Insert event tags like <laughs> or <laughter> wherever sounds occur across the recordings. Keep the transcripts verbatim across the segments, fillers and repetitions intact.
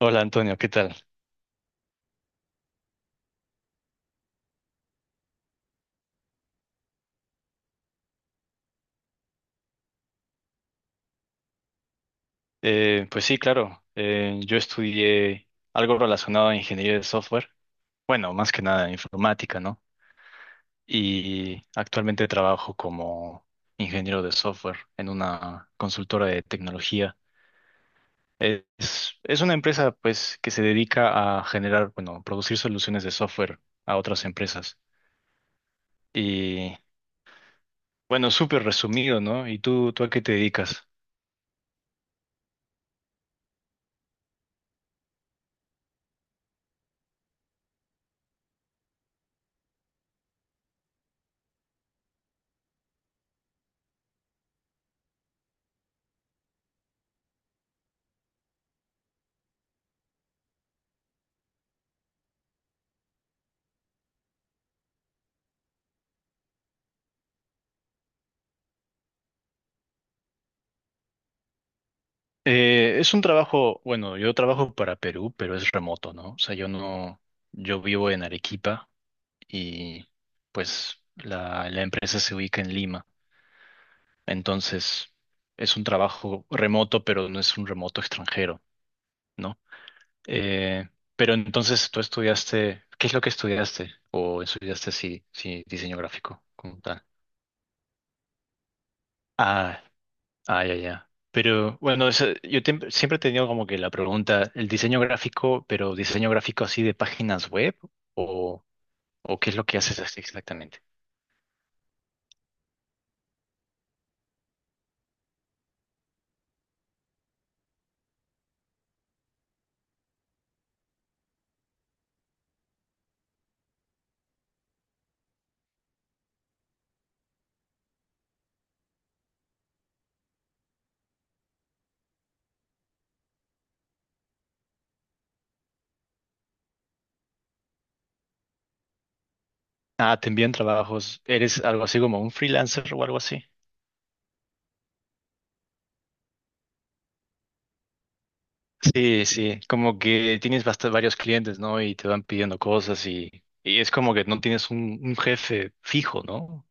Hola Antonio, ¿qué tal? Eh, pues sí, claro, eh, yo estudié algo relacionado a ingeniería de software, bueno, más que nada informática, ¿no? Y actualmente trabajo como ingeniero de software en una consultora de tecnología. Es, es una empresa pues que se dedica a generar, bueno, producir soluciones de software a otras empresas. Y bueno, súper resumido, ¿no? ¿Y tú, tú a qué te dedicas? Eh, es un trabajo, bueno, yo trabajo para Perú, pero es remoto, ¿no? O sea, yo no, yo vivo en Arequipa y pues la, la empresa se ubica en Lima. Entonces, es un trabajo remoto, pero no es un remoto extranjero, ¿no? Eh, pero entonces tú estudiaste, ¿qué es lo que estudiaste? ¿O estudiaste si, si diseño gráfico como tal? Ah. Ah, ya, ya. Pero bueno, eso- yo tem- siempre he tenido como que la pregunta, ¿el diseño gráfico, pero diseño gráfico así de páginas web? ¿O, o qué es lo que haces así exactamente? Ah, te envían trabajos. ¿Eres algo así como un freelancer o algo así? Sí, sí, como que tienes bast- varios clientes, ¿no? Y te van pidiendo cosas y, y es como que no tienes un, un jefe fijo, ¿no?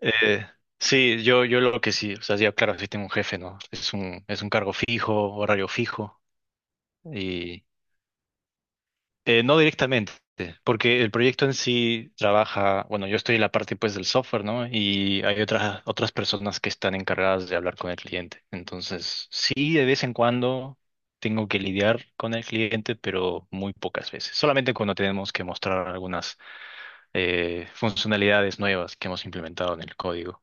Eh, sí, yo, yo lo que sí, o sea, ya claro, sí tengo un jefe, ¿no? Es un, es un cargo fijo, horario fijo, y eh, no directamente, porque el proyecto en sí trabaja, bueno, yo estoy en la parte pues del software, ¿no? Y hay otras, otras personas que están encargadas de hablar con el cliente. Entonces, sí, de vez en cuando tengo que lidiar con el cliente, pero muy pocas veces. Solamente cuando tenemos que mostrar algunas eh, funcionalidades nuevas que hemos implementado en el código.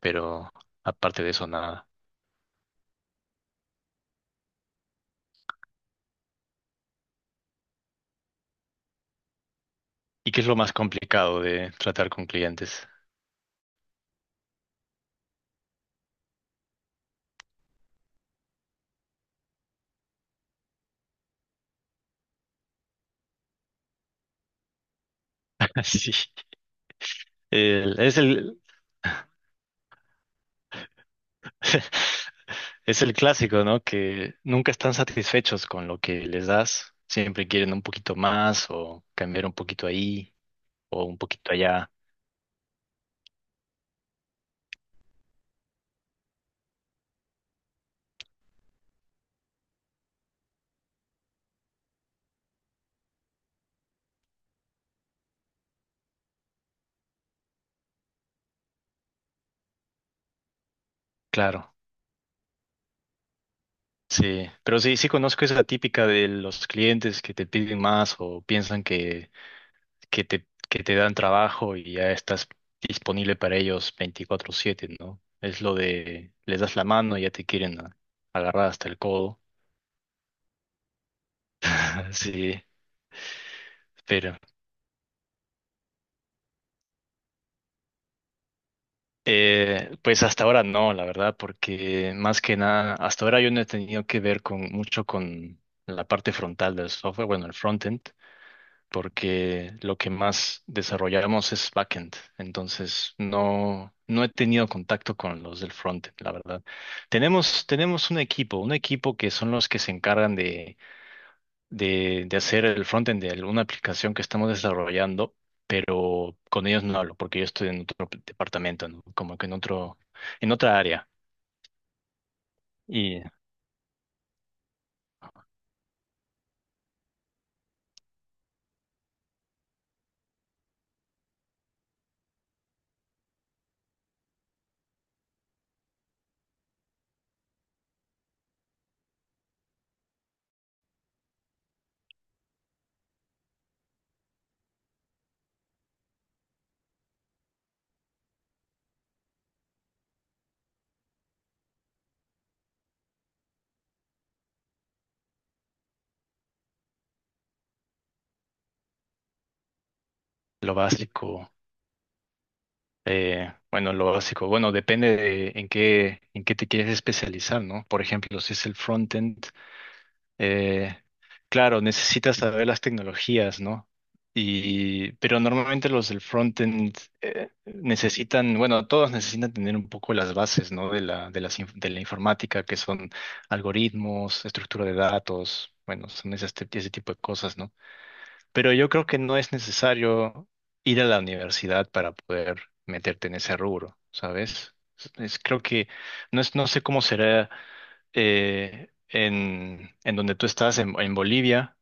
Pero aparte de eso, nada. ¿Y qué es lo más complicado de tratar con clientes? <laughs> Sí, el- es el, <laughs> es el clásico, ¿no? Que nunca están satisfechos con lo que les das, siempre quieren un poquito más o cambiar un poquito ahí o un poquito allá. Claro, sí, pero sí, sí conozco esa típica de los clientes que te piden más o piensan que que te, que te dan trabajo y ya estás disponible para ellos veinticuatro siete ¿no? Es lo de, les das la mano y ya te quieren a- agarrar hasta el codo. <laughs> Sí, pero eh, pues hasta ahora no, la verdad, porque más que nada, hasta ahora yo no he tenido que ver con mucho con la parte frontal del software, bueno, el frontend, porque lo que más desarrollamos es backend. Entonces, no, no he tenido contacto con los del frontend, la verdad. Tenemos, tenemos un equipo, un equipo que son los que se encargan de, de, de hacer el frontend de alguna aplicación que estamos desarrollando, pero con ellos no hablo, porque yo estoy en otro departamento, ¿no? Como que en otro, en otra área. Y lo básico. Eh, bueno, lo básico. Bueno, depende de en qué, en qué te quieres especializar, ¿no? Por ejemplo, si es el frontend, eh, claro, necesitas saber las tecnologías, ¿no? Y, pero normalmente los del frontend eh, necesitan, bueno, todos necesitan tener un poco las bases, ¿no? De la, de las, inf- de la informática, que son algoritmos, estructura de datos, bueno, son ese, ese tipo de cosas, ¿no? Pero yo creo que no es necesario ir a la universidad para poder meterte en ese rubro, ¿sabes? Es, es- creo que no es, no sé cómo será eh, en, en donde tú estás, en, en Bolivia,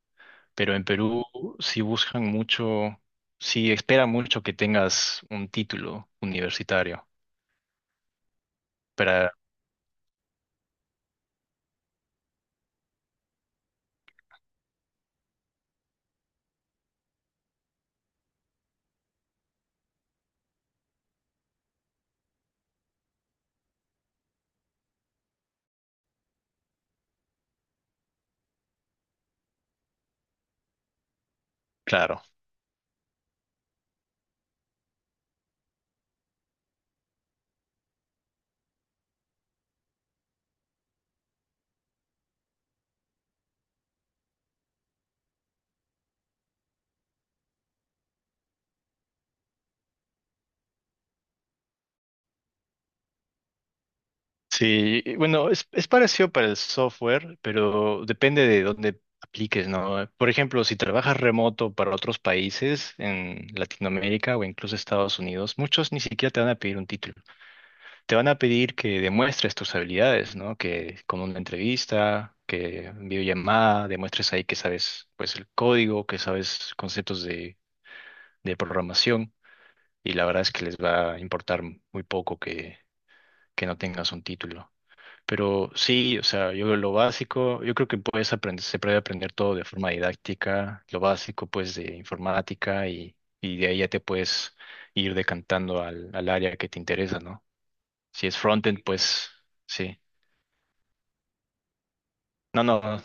pero en Perú sí buscan mucho, sí esperan mucho que tengas un título universitario. Para, claro, sí, bueno, es, es parecido para el software, pero depende de dónde apliques, ¿no? Por ejemplo, si trabajas remoto para otros países en Latinoamérica o incluso Estados Unidos, muchos ni siquiera te van a pedir un título. Te van a pedir que demuestres tus habilidades, ¿no? Que con una entrevista, que en videollamada, demuestres ahí que sabes, pues, el código, que sabes conceptos de, de programación. Y la verdad es que les va a importar muy poco que, que no tengas un título. Pero sí, o sea, yo lo básico, yo creo que puedes aprender, se puede aprender todo de forma didáctica, lo básico pues de informática y, y de ahí ya te puedes ir decantando al, al área que te interesa, ¿no? Si es frontend, pues sí. No, no, no,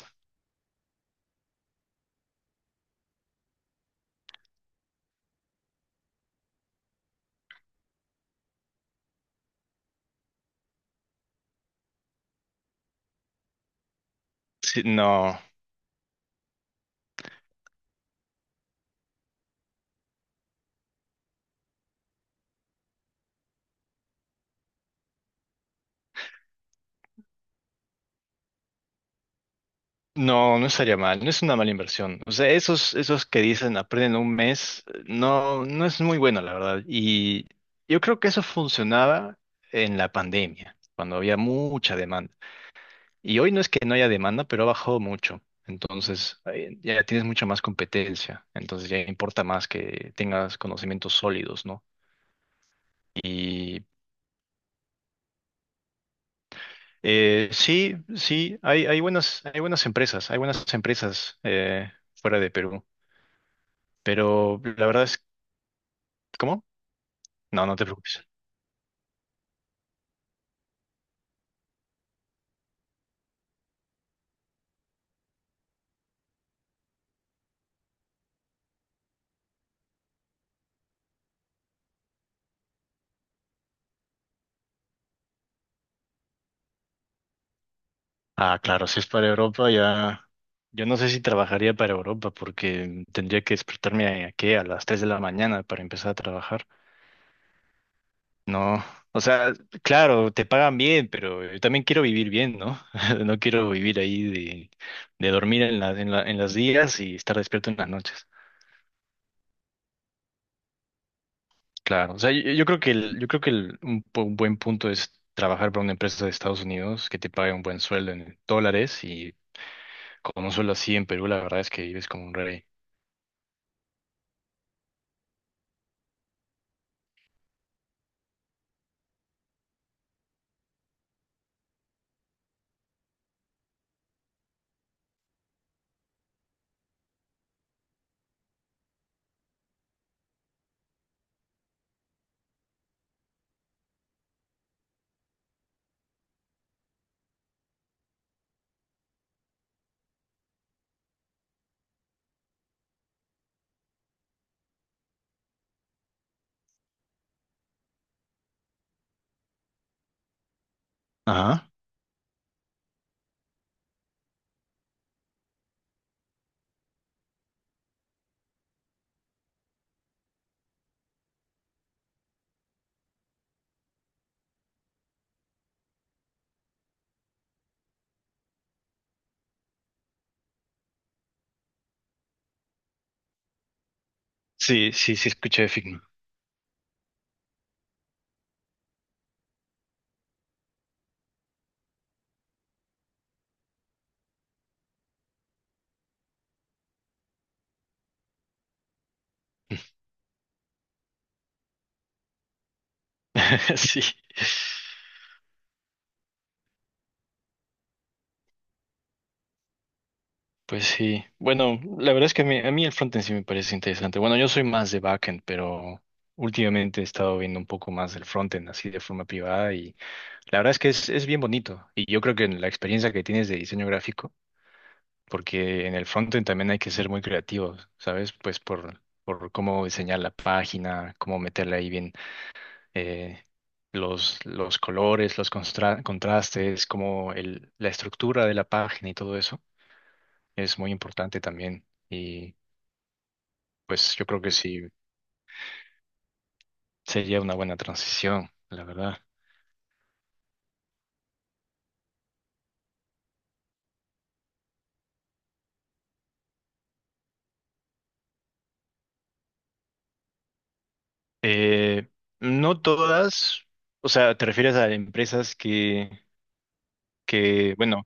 sí, no, no, no estaría mal, no es una mala inversión. O sea, esos, esos que dicen aprenden un mes, no, no es muy bueno, la verdad. Y yo creo que eso funcionaba en la pandemia, cuando había mucha demanda. Y hoy no es que no haya demanda, pero ha bajado mucho. Entonces, eh, ya tienes mucha más competencia. Entonces, ya importa más que tengas conocimientos sólidos, ¿no? Y eh, sí, sí, hay, hay buenas, hay buenas empresas, hay buenas empresas eh, fuera de Perú. Pero la verdad es, ¿cómo? No, no te preocupes. Ah, claro, si es para Europa ya. Yo no sé si trabajaría para Europa porque tendría que despertarme a, ¿qué? A las tres de la mañana para empezar a trabajar. No, o sea, claro, te pagan bien, pero yo también quiero vivir bien, ¿no? <laughs> No quiero vivir ahí de, de dormir en la, en la- en los días y estar despierto en las noches. Claro, o sea, yo, yo creo que el- yo creo que el- un, pu- un buen punto es trabajar para una empresa de Estados Unidos que te pague un buen sueldo en dólares y con un sueldo así en Perú, la verdad es que vives como un rey. Ajá. Sí, sí, sí, escuché de Figma. <laughs> Sí. Pues sí, bueno, la verdad es que a mí, a mí el frontend sí me parece interesante. Bueno, yo soy más de backend, pero últimamente he estado viendo un poco más del frontend así de forma privada y la verdad es que es, es bien bonito. Y yo creo que en la experiencia que tienes de diseño gráfico, porque en el frontend también hay que ser muy creativos, ¿sabes? Pues por, por cómo diseñar la página, cómo meterle ahí bien eh, los, los colores, los constra- contrastes, como el, la estructura de la página y todo eso es muy importante también. Pues yo creo que sí sería una buena transición, la verdad. Eh, no todas, o sea, te refieres a empresas que, que bueno,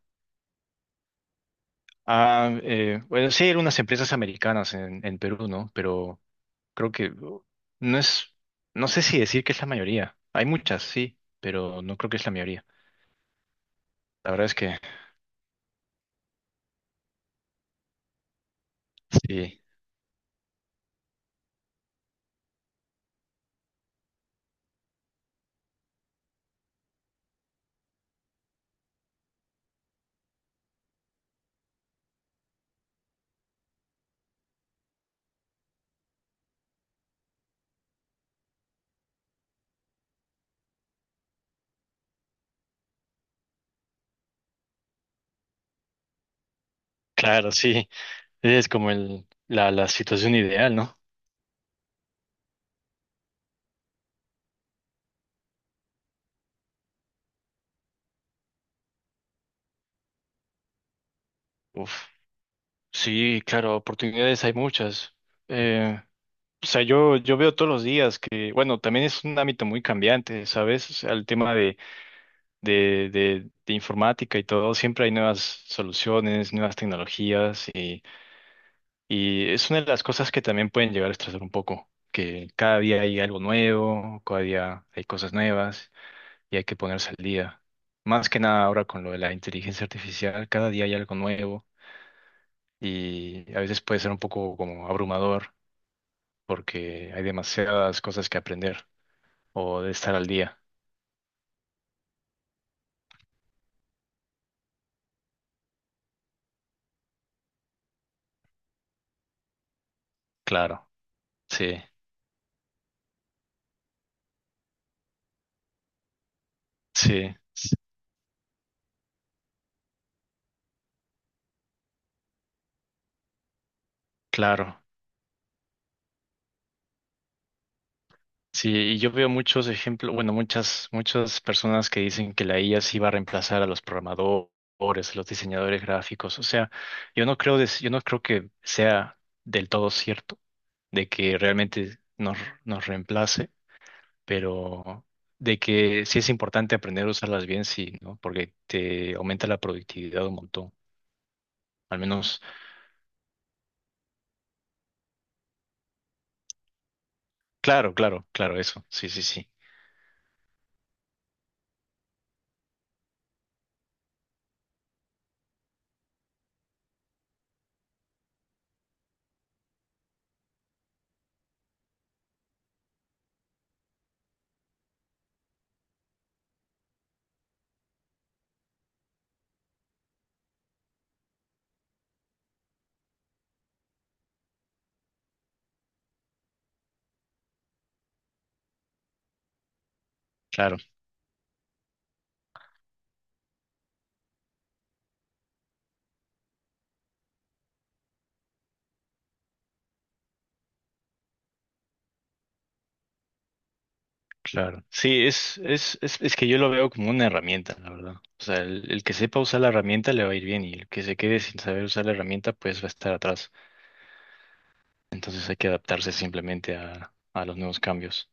a, eh, bueno, sí hay unas empresas americanas en, en Perú, ¿no? Pero creo que no es, no sé si decir que es la mayoría. Hay muchas, sí, pero no creo que es la mayoría. La verdad es que sí, claro, sí, es como el, la, la situación ideal, ¿no? Uf, sí, claro, oportunidades hay muchas. Eh, O sea, yo, yo veo todos los días que, bueno, también es un ámbito muy cambiante, ¿sabes? O sea, el tema de, de, de, de informática y todo, siempre hay nuevas soluciones, nuevas tecnologías y, y es una de las cosas que también pueden llegar a estresar un poco, que cada día hay algo nuevo, cada día hay cosas nuevas y hay que ponerse al día. Más que nada ahora con lo de la inteligencia artificial, cada día hay algo nuevo y a veces puede ser un poco como abrumador porque hay demasiadas cosas que aprender. O de estar al día. Claro, sí, sí, s- claro. Sí, y yo veo muchos ejemplos, bueno, muchas, muchas personas que dicen que la I A sí va a reemplazar a los programadores, a los diseñadores gráficos. O sea, yo no creo, des- yo no creo que sea del todo cierto de que realmente nos, nos reemplace, pero de que sí es importante aprender a usarlas bien, sí, ¿no? Porque te aumenta la productividad un montón. Al menos, claro, claro, claro, eso. Sí, sí, sí. Claro, claro. Sí, es, es, es, es que yo lo veo como una herramienta, la verdad. O sea, el, el que sepa usar la herramienta le va a ir bien y el que se quede sin saber usar la herramienta pues va a estar atrás. Entonces hay que adaptarse simplemente a, a los nuevos cambios.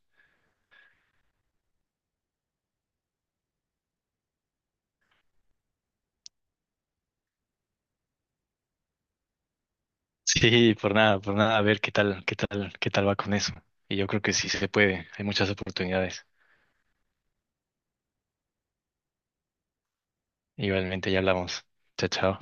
Sí, por nada, por nada, a ver qué tal, qué tal, qué tal va con eso. Y yo creo que sí se puede, hay muchas oportunidades. Igualmente ya hablamos. Chao, chao.